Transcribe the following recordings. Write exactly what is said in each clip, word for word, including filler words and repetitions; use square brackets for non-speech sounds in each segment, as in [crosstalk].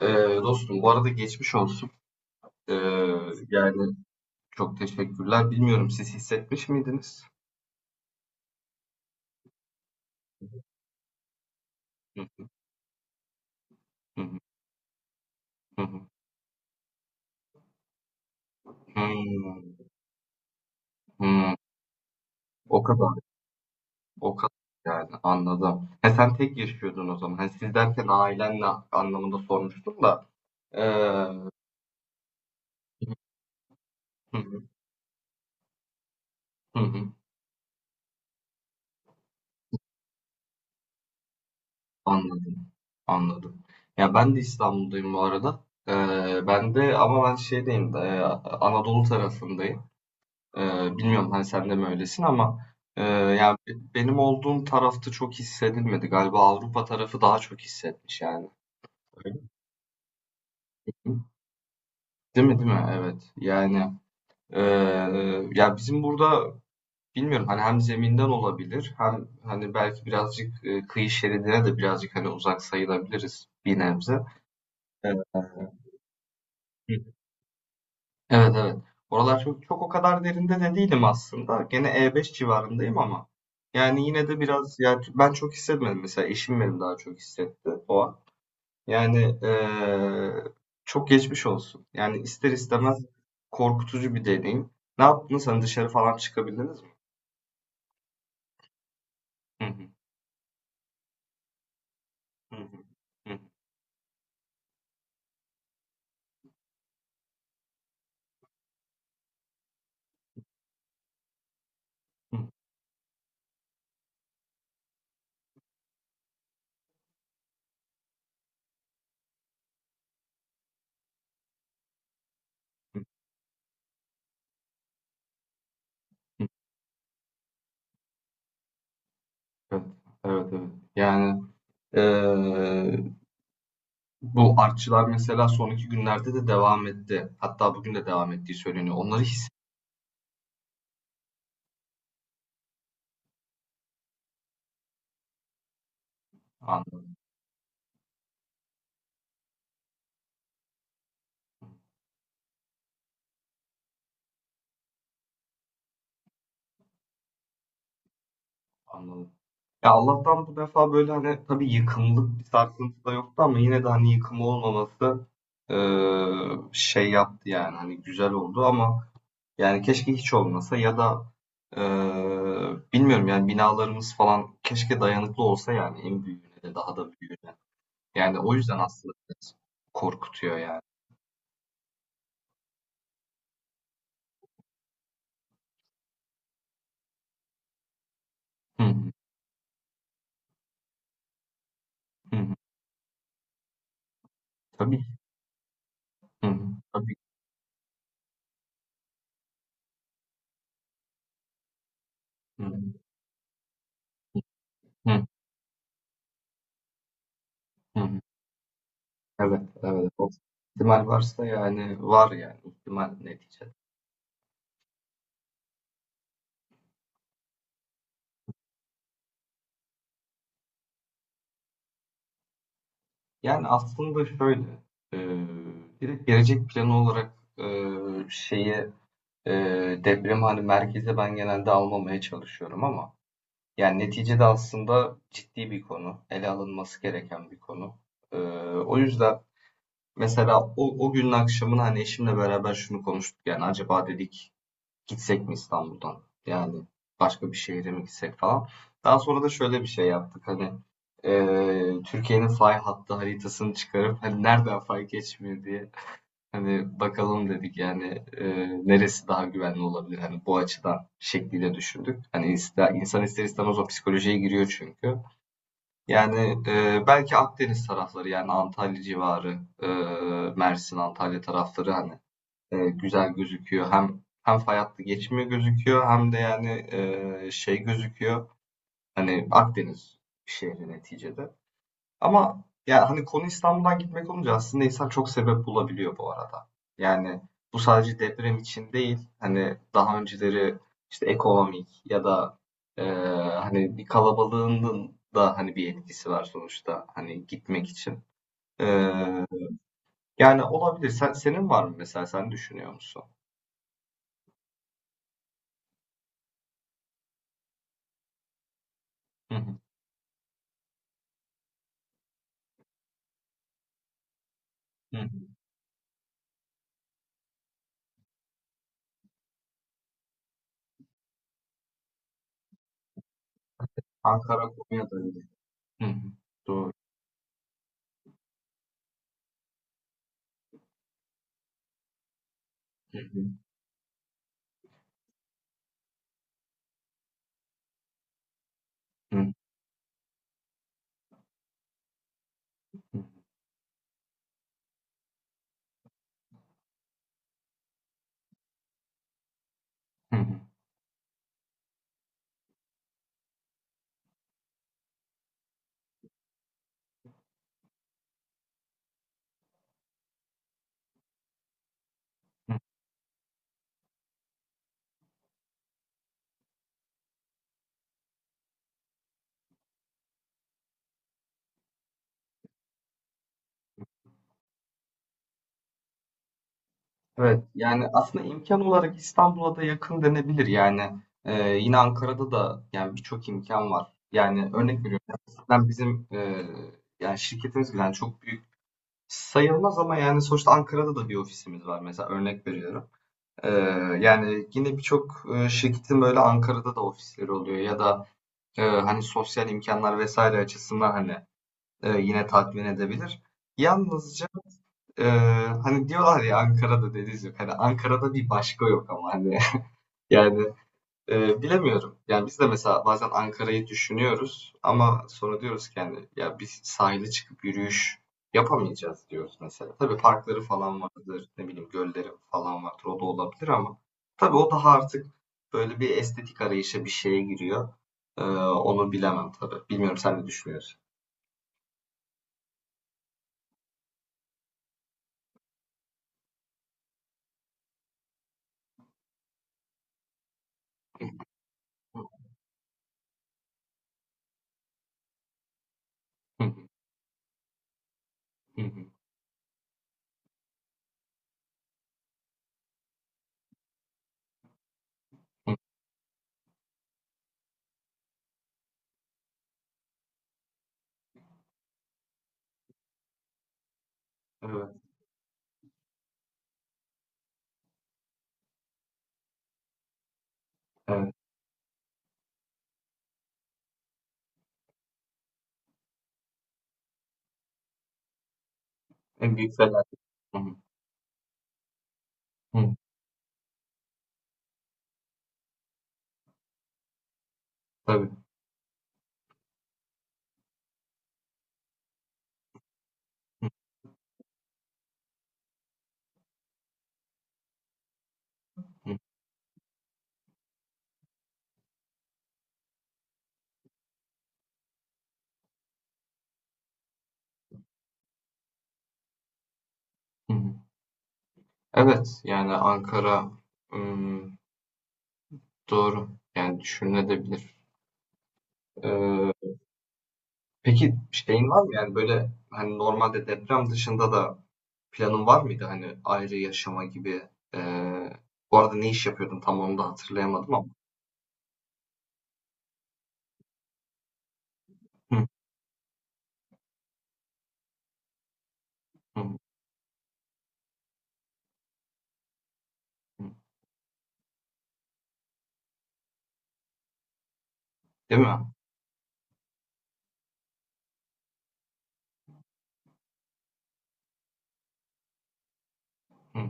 Ee, dostum bu arada geçmiş olsun. Ee, yani çok teşekkürler. Bilmiyorum siz hissetmiş miydiniz? Hı, hı, hı, hı. Hmm, hmm. O kadar, o kadar yani anladım. Ha, sen tek yaşıyordun o zaman. Hani siz derken ailenle anlamında sormuştum da. Ee, hı, hı, hı, hı. Anladım, anladım. Ya ben de İstanbul'dayım bu arada. Ee, ben de ama ben şeydeyim, de, e, Anadolu tarafındayım. Ee, bilmiyorum hani sen de mi öylesin ama e, yani be- benim olduğum tarafta çok hissedilmedi. Galiba Avrupa tarafı daha çok hissetmiş yani. Öyle mi? Değil mi değil mi? Evet. Yani e, ya bizim burada bilmiyorum hani hem zeminden olabilir hem hani belki birazcık e, kıyı şeridine de birazcık hani uzak sayılabiliriz bir nebze. Evet. Evet, evet. Oralar çok, çok o kadar derinde de değilim aslında. Gene E beş civarındayım ama. Yani yine de biraz yani ben çok hissetmedim. Mesela eşim benim daha çok hissetti o an. Yani eee, çok geçmiş olsun. Yani ister istemez korkutucu bir deneyim. Ne yaptınız? Hani dışarı falan çıkabildiniz mi? Hı hı, hı hı, hı hı, hı hı. Evet, evet, evet. Yani eee, bu artçılar mesela son iki günlerde de devam etti. Hatta bugün de devam ettiği söyleniyor. Onları anladım, anladım. Ya Allah'tan bu defa böyle hani tabii yıkımlık bir sarsıntı da yoktu ama yine de hani yıkım olmaması eee, şey yaptı yani hani güzel oldu ama yani keşke hiç olmasa ya da eee, bilmiyorum yani binalarımız falan keşke dayanıklı olsa yani en büyüğüne de daha da büyüğüne. Yani o yüzden aslında biraz korkutuyor yani. Hı hı, hı hı. Tabii. Hı hı, tabii. Hı hı, hı hı. Evet, evet. O ihtimal varsa yani var yani ihtimal neticede. Yani aslında şöyle e, direkt gelecek planı olarak e, şeyi e, depremi hani merkeze ben genelde almamaya çalışıyorum ama yani neticede aslında ciddi bir konu. Ele alınması gereken bir konu. E, o yüzden mesela o, o günün akşamını hani eşimle beraber şunu konuştuk yani acaba dedik. Gitsek mi İstanbul'dan? Yani başka bir şehre mi gitsek falan. Daha sonra da şöyle bir şey yaptık hani eee, Türkiye'nin fay hattı haritasını çıkarıp hani nereden fay geçmiyor diye hani bakalım dedik yani eee, neresi daha güvenli olabilir hani bu açıdan şekliyle düşündük. Hani ister, insan ister istemez o psikolojiye giriyor çünkü. Yani eee, belki Akdeniz tarafları yani Antalya civarı, eee, Mersin, Antalya tarafları hani e, güzel gözüküyor. Hem hem fay hattı geçimi gözüküyor hem de yani e, şey gözüküyor. Hani Akdeniz şehri neticede. Ama ya hani konu İstanbul'dan gitmek olunca aslında insan çok sebep bulabiliyor bu arada. Yani bu sadece deprem için değil. Hani daha önceleri işte ekonomik ya da e, hani bir kalabalığının da hani bir etkisi var sonuçta hani gitmek için. E, yani olabilir. Sen, senin var mı mesela sen düşünüyor musun? Hı hı. Hı. Ankara Konya'da öyle. Hı hı. Doğru. Hı hı. Hı hı. Hı hı. Evet, yani aslında imkan olarak İstanbul'a da yakın denebilir yani. Ee, yine Ankara'da da yani birçok imkan var. Yani örnek veriyorum. Ben bizim e, yani şirketimiz bile yani çok büyük sayılmaz ama yani sonuçta Ankara'da da bir ofisimiz var mesela örnek veriyorum. Ee, yani yine birçok e, şirketin böyle Ankara'da da ofisleri oluyor ya da e, hani sosyal imkanlar vesaire açısından hani e, yine tatmin edebilir. Yalnızca e, hani diyorlar ya Ankara'da deniz yok. Hani Ankara'da bir başka yok ama hani [laughs] yani e, bilemiyorum. Yani biz de mesela bazen Ankara'yı düşünüyoruz ama sonra diyoruz ki yani ya biz sahile çıkıp yürüyüş yapamayacağız diyoruz mesela. Tabii parkları falan vardır, ne bileyim gölleri falan vardır. O da olabilir ama tabii o daha artık böyle bir estetik arayışa bir şeye giriyor. E, onu bilemem tabii. Bilmiyorum sen ne düşünüyorsun? [laughs] Evet, evet. En büyük felaket. Hı hı. Hı, tabii. Hı hı. Hı hı. Evet, yani Ankara ım, doğru. Yani düşünülebilir. Ee, peki şeyin var mı yani böyle hani normalde deprem dışında da planın var mıydı hani ayrı yaşama gibi? Ee, bu arada ne iş yapıyordun tam onu da hatırlayamadım ama. Hı hı hı. Değil mi? Hı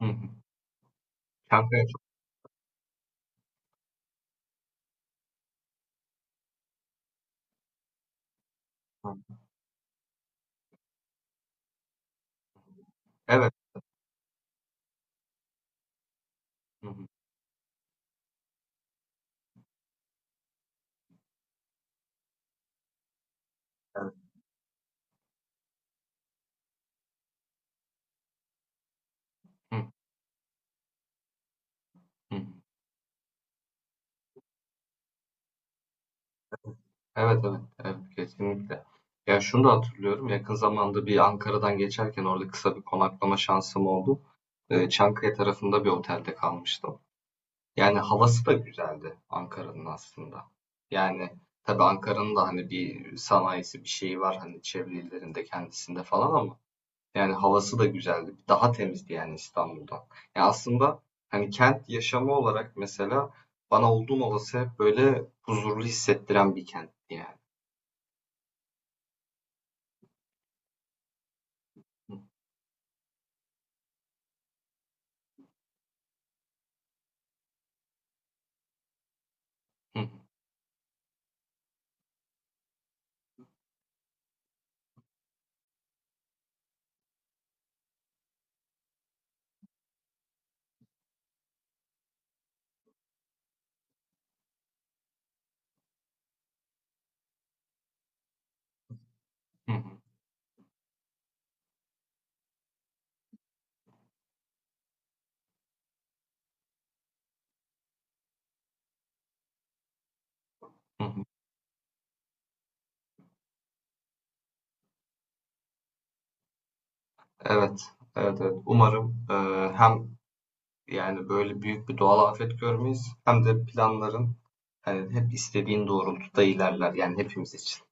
hı hı. Kanka çok. Evet. Hı hı. Evet. Hı hı. Evet, evet, evet, kesinlikle. Ya şunu da hatırlıyorum. Yakın zamanda bir Ankara'dan geçerken orada kısa bir konaklama şansım oldu. Ee, Çankaya tarafında bir otelde kalmıştım. Yani havası da güzeldi Ankara'nın aslında. Yani tabii Ankara'nın da hani bir sanayisi bir şeyi var hani çevre illerinde kendisinde falan ama yani havası da güzeldi. Daha temizdi yani İstanbul'dan. Ya aslında hani kent yaşamı olarak mesela bana olduğum olası hep böyle huzurlu hissettiren bir kent yani. [laughs] Hı hı, hı hı. Evet, evet, evet. Umarım eee, hem yani böyle büyük bir doğal afet görmeyiz hem de planların hani hep istediğin doğrultuda ilerler yani hepimiz için.